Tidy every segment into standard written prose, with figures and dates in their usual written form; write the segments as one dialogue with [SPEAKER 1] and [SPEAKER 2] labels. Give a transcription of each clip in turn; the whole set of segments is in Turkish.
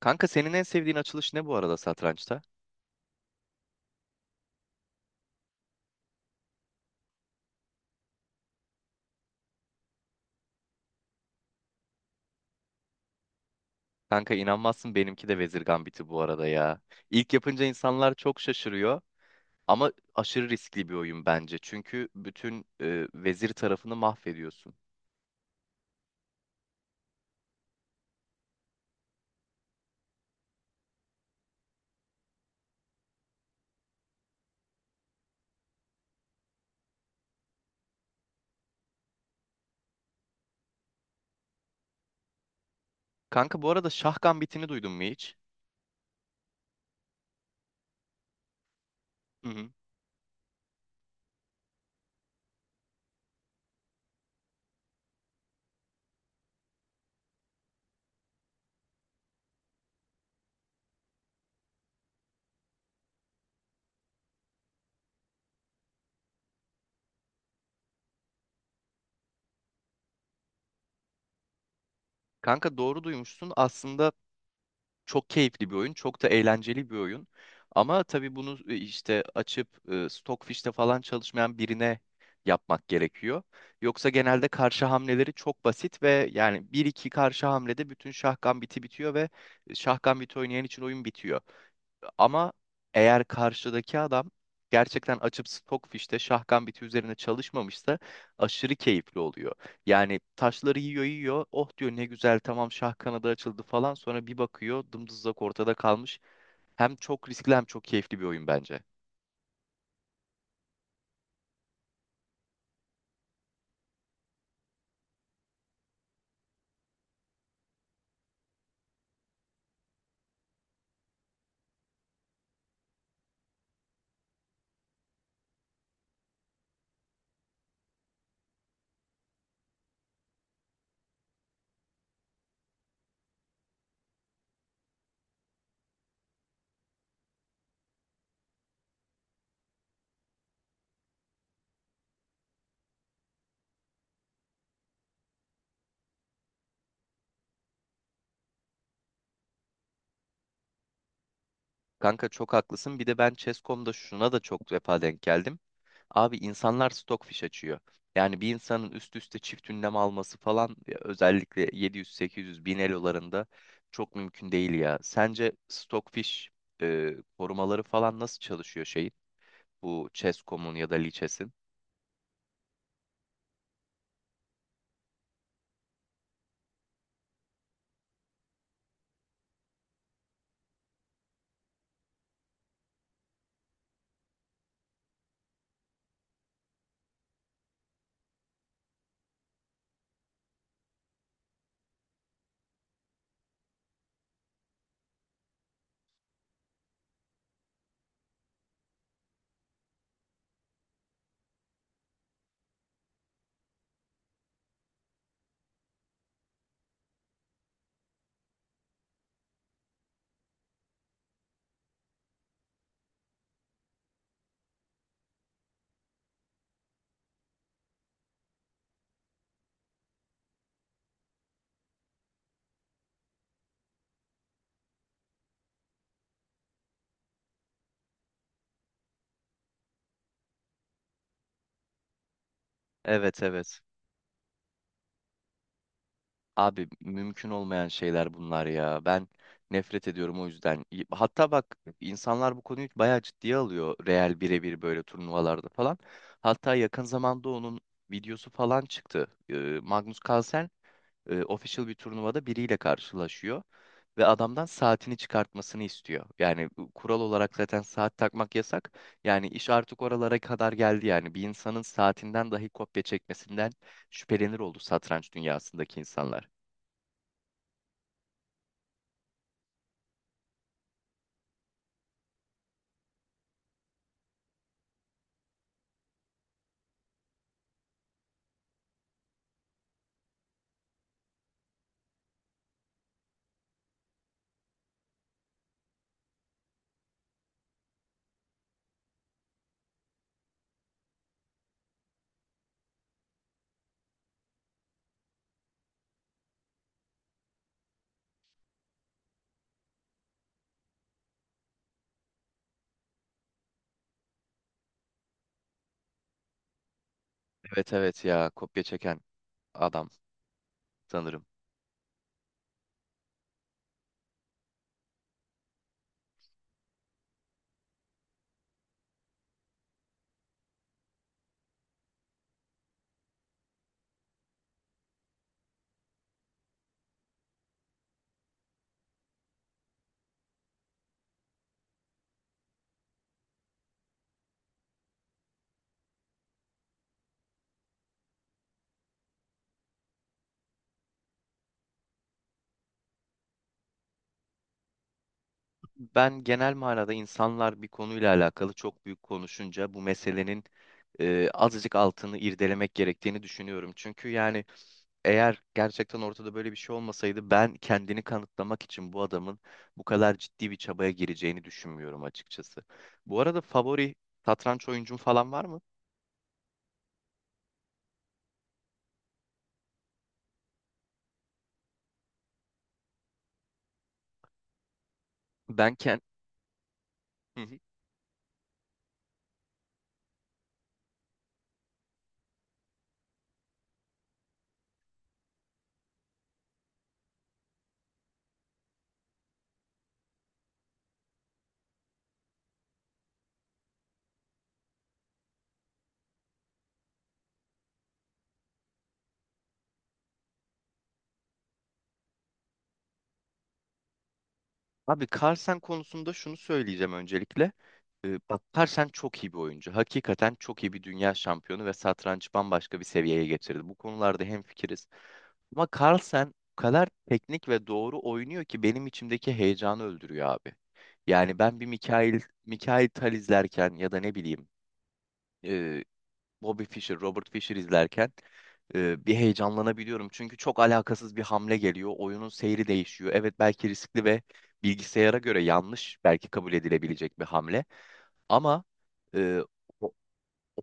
[SPEAKER 1] Kanka senin en sevdiğin açılış ne bu arada satrançta? Kanka inanmazsın benimki de Vezir Gambit'i bu arada ya. İlk yapınca insanlar çok şaşırıyor ama aşırı riskli bir oyun bence. Çünkü bütün vezir tarafını mahvediyorsun. Kanka bu arada Şah Gambit'ini duydun mu hiç? Hı hı. Kanka doğru duymuşsun. Aslında çok keyifli bir oyun, çok da eğlenceli bir oyun. Ama tabii bunu işte açıp Stockfish'te falan çalışmayan birine yapmak gerekiyor. Yoksa genelde karşı hamleleri çok basit ve yani bir iki karşı hamlede bütün şah gambiti bitiyor ve şah gambiti oynayan için oyun bitiyor. Ama eğer karşıdaki adam gerçekten açıp Stockfish'te şahkan biti üzerine çalışmamışsa aşırı keyifli oluyor. Yani taşları yiyor yiyor. Oh diyor, ne güzel, tamam, şah kanadı açıldı falan. Sonra bir bakıyor dımdızlak ortada kalmış. Hem çok riskli hem çok keyifli bir oyun bence. Kanka çok haklısın. Bir de ben Chess.com'da şuna da çok defa denk geldim. Abi insanlar stockfish açıyor. Yani bir insanın üst üste çift ünlem alması falan ya, özellikle 700, 800, 1000 elolarında çok mümkün değil ya. Sence stockfish korumaları falan nasıl çalışıyor şeyin? Bu Chess.com'un ya da Lichess'in? Evet, evet. Abi mümkün olmayan şeyler bunlar ya. Ben nefret ediyorum o yüzden. Hatta bak, insanlar bu konuyu bayağı ciddiye alıyor. Real birebir böyle turnuvalarda falan. Hatta yakın zamanda onun videosu falan çıktı. Magnus Carlsen official bir turnuvada biriyle karşılaşıyor. Ve adamdan saatini çıkartmasını istiyor. Yani bu kural olarak zaten saat takmak yasak. Yani iş artık oralara kadar geldi yani. Bir insanın saatinden dahi kopya çekmesinden şüphelenir oldu satranç dünyasındaki insanlar. Evet, evet, ya kopya çeken adam sanırım. Ben genel manada insanlar bir konuyla alakalı çok büyük konuşunca bu meselenin azıcık altını irdelemek gerektiğini düşünüyorum. Çünkü yani eğer gerçekten ortada böyle bir şey olmasaydı ben kendini kanıtlamak için bu adamın bu kadar ciddi bir çabaya gireceğini düşünmüyorum açıkçası. Bu arada favori satranç oyuncun falan var mı? Ben kendim... Abi Carlsen konusunda şunu söyleyeceğim öncelikle. Bak, Carlsen çok iyi bir oyuncu. Hakikaten çok iyi bir dünya şampiyonu ve satrancı bambaşka bir seviyeye getirdi. Bu konularda hemfikiriz. Ama Carlsen o kadar teknik ve doğru oynuyor ki benim içimdeki heyecanı öldürüyor abi. Yani ben bir Mikail Tal izlerken ya da ne bileyim Bobby Fischer, Robert Fischer izlerken bir heyecanlanabiliyorum. Çünkü çok alakasız bir hamle geliyor. Oyunun seyri değişiyor. Evet, belki riskli ve bilgisayara göre yanlış belki kabul edilebilecek bir hamle. Ama e,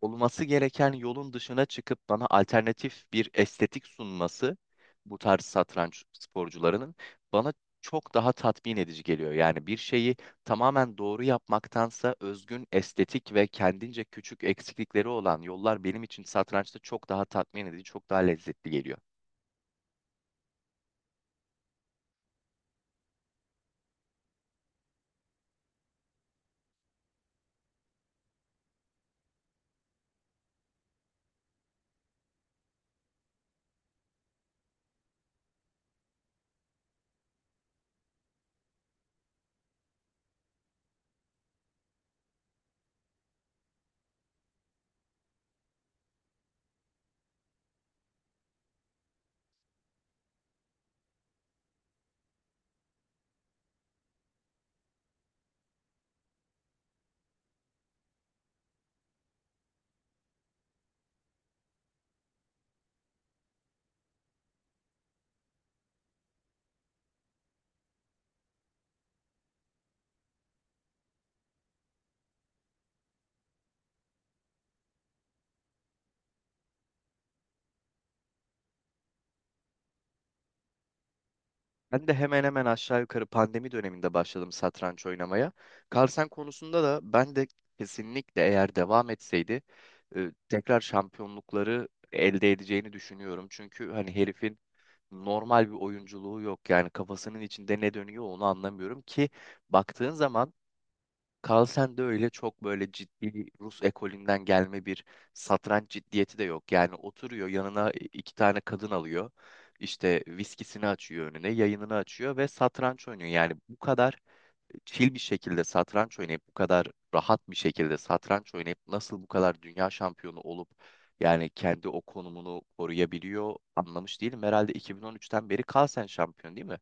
[SPEAKER 1] olması gereken yolun dışına çıkıp bana alternatif bir estetik sunması, bu tarz satranç sporcularının bana çok daha tatmin edici geliyor. Yani bir şeyi tamamen doğru yapmaktansa özgün estetik ve kendince küçük eksiklikleri olan yollar benim için satrançta çok daha tatmin edici, çok daha lezzetli geliyor. Ben de hemen hemen aşağı yukarı pandemi döneminde başladım satranç oynamaya. Carlsen konusunda da ben de kesinlikle eğer devam etseydi tekrar şampiyonlukları elde edeceğini düşünüyorum. Çünkü hani herifin normal bir oyunculuğu yok. Yani kafasının içinde ne dönüyor onu anlamıyorum ki, baktığın zaman Carlsen de öyle çok böyle ciddi Rus ekolünden gelme bir satranç ciddiyeti de yok. Yani oturuyor, yanına iki tane kadın alıyor. İşte viskisini açıyor önüne, yayınını açıyor ve satranç oynuyor. Yani bu kadar chill bir şekilde satranç oynayıp, bu kadar rahat bir şekilde satranç oynayıp nasıl bu kadar dünya şampiyonu olup yani kendi o konumunu koruyabiliyor anlamış değilim. Herhalde 2013'ten beri Carlsen şampiyon değil mi?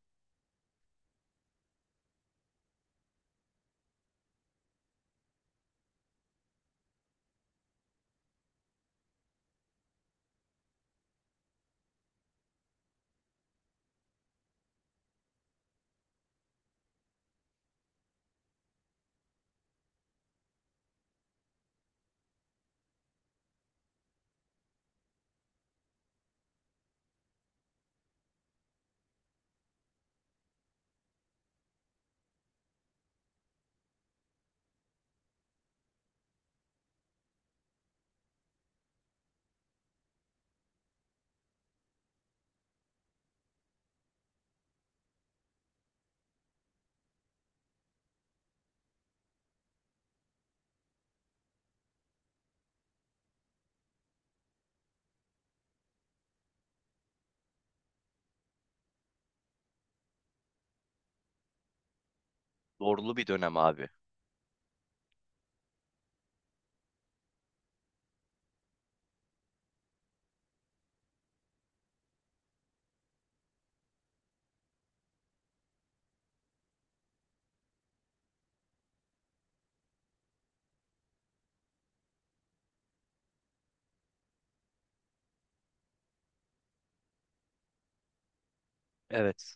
[SPEAKER 1] Zorlu bir dönem abi. Evet.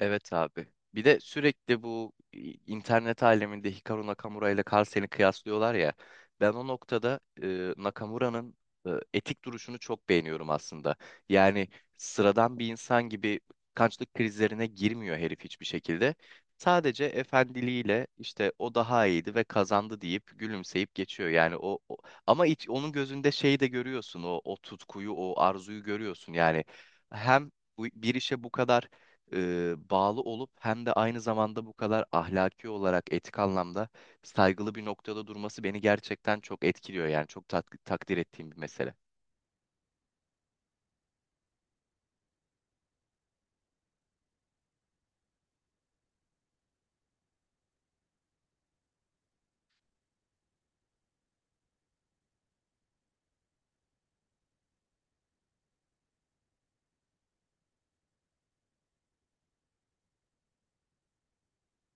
[SPEAKER 1] Evet abi. Bir de sürekli bu internet aleminde Hikaru Nakamura ile Carl Sagan'ı kıyaslıyorlar ya. Ben o noktada Nakamura'nın etik duruşunu çok beğeniyorum aslında. Yani sıradan bir insan gibi kançlık krizlerine girmiyor herif hiçbir şekilde. Sadece efendiliğiyle, işte o daha iyiydi ve kazandı, deyip gülümseyip geçiyor. Yani ama onun gözünde şeyi de görüyorsun, o o tutkuyu, o arzuyu görüyorsun. Yani hem bir işe bu kadar bağlı olup hem de aynı zamanda bu kadar ahlaki olarak etik anlamda saygılı bir noktada durması beni gerçekten çok etkiliyor yani çok takdir ettiğim bir mesele.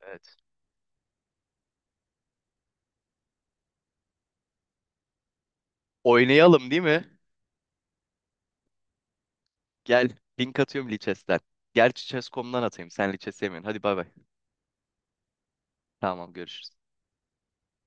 [SPEAKER 1] Evet. Oynayalım değil mi? Gel, link atıyorum Lichess'ten. Gerçi Chess.com'dan atayım. Sen Lichess yemiyorsun. Hadi bay bay. Tamam, görüşürüz.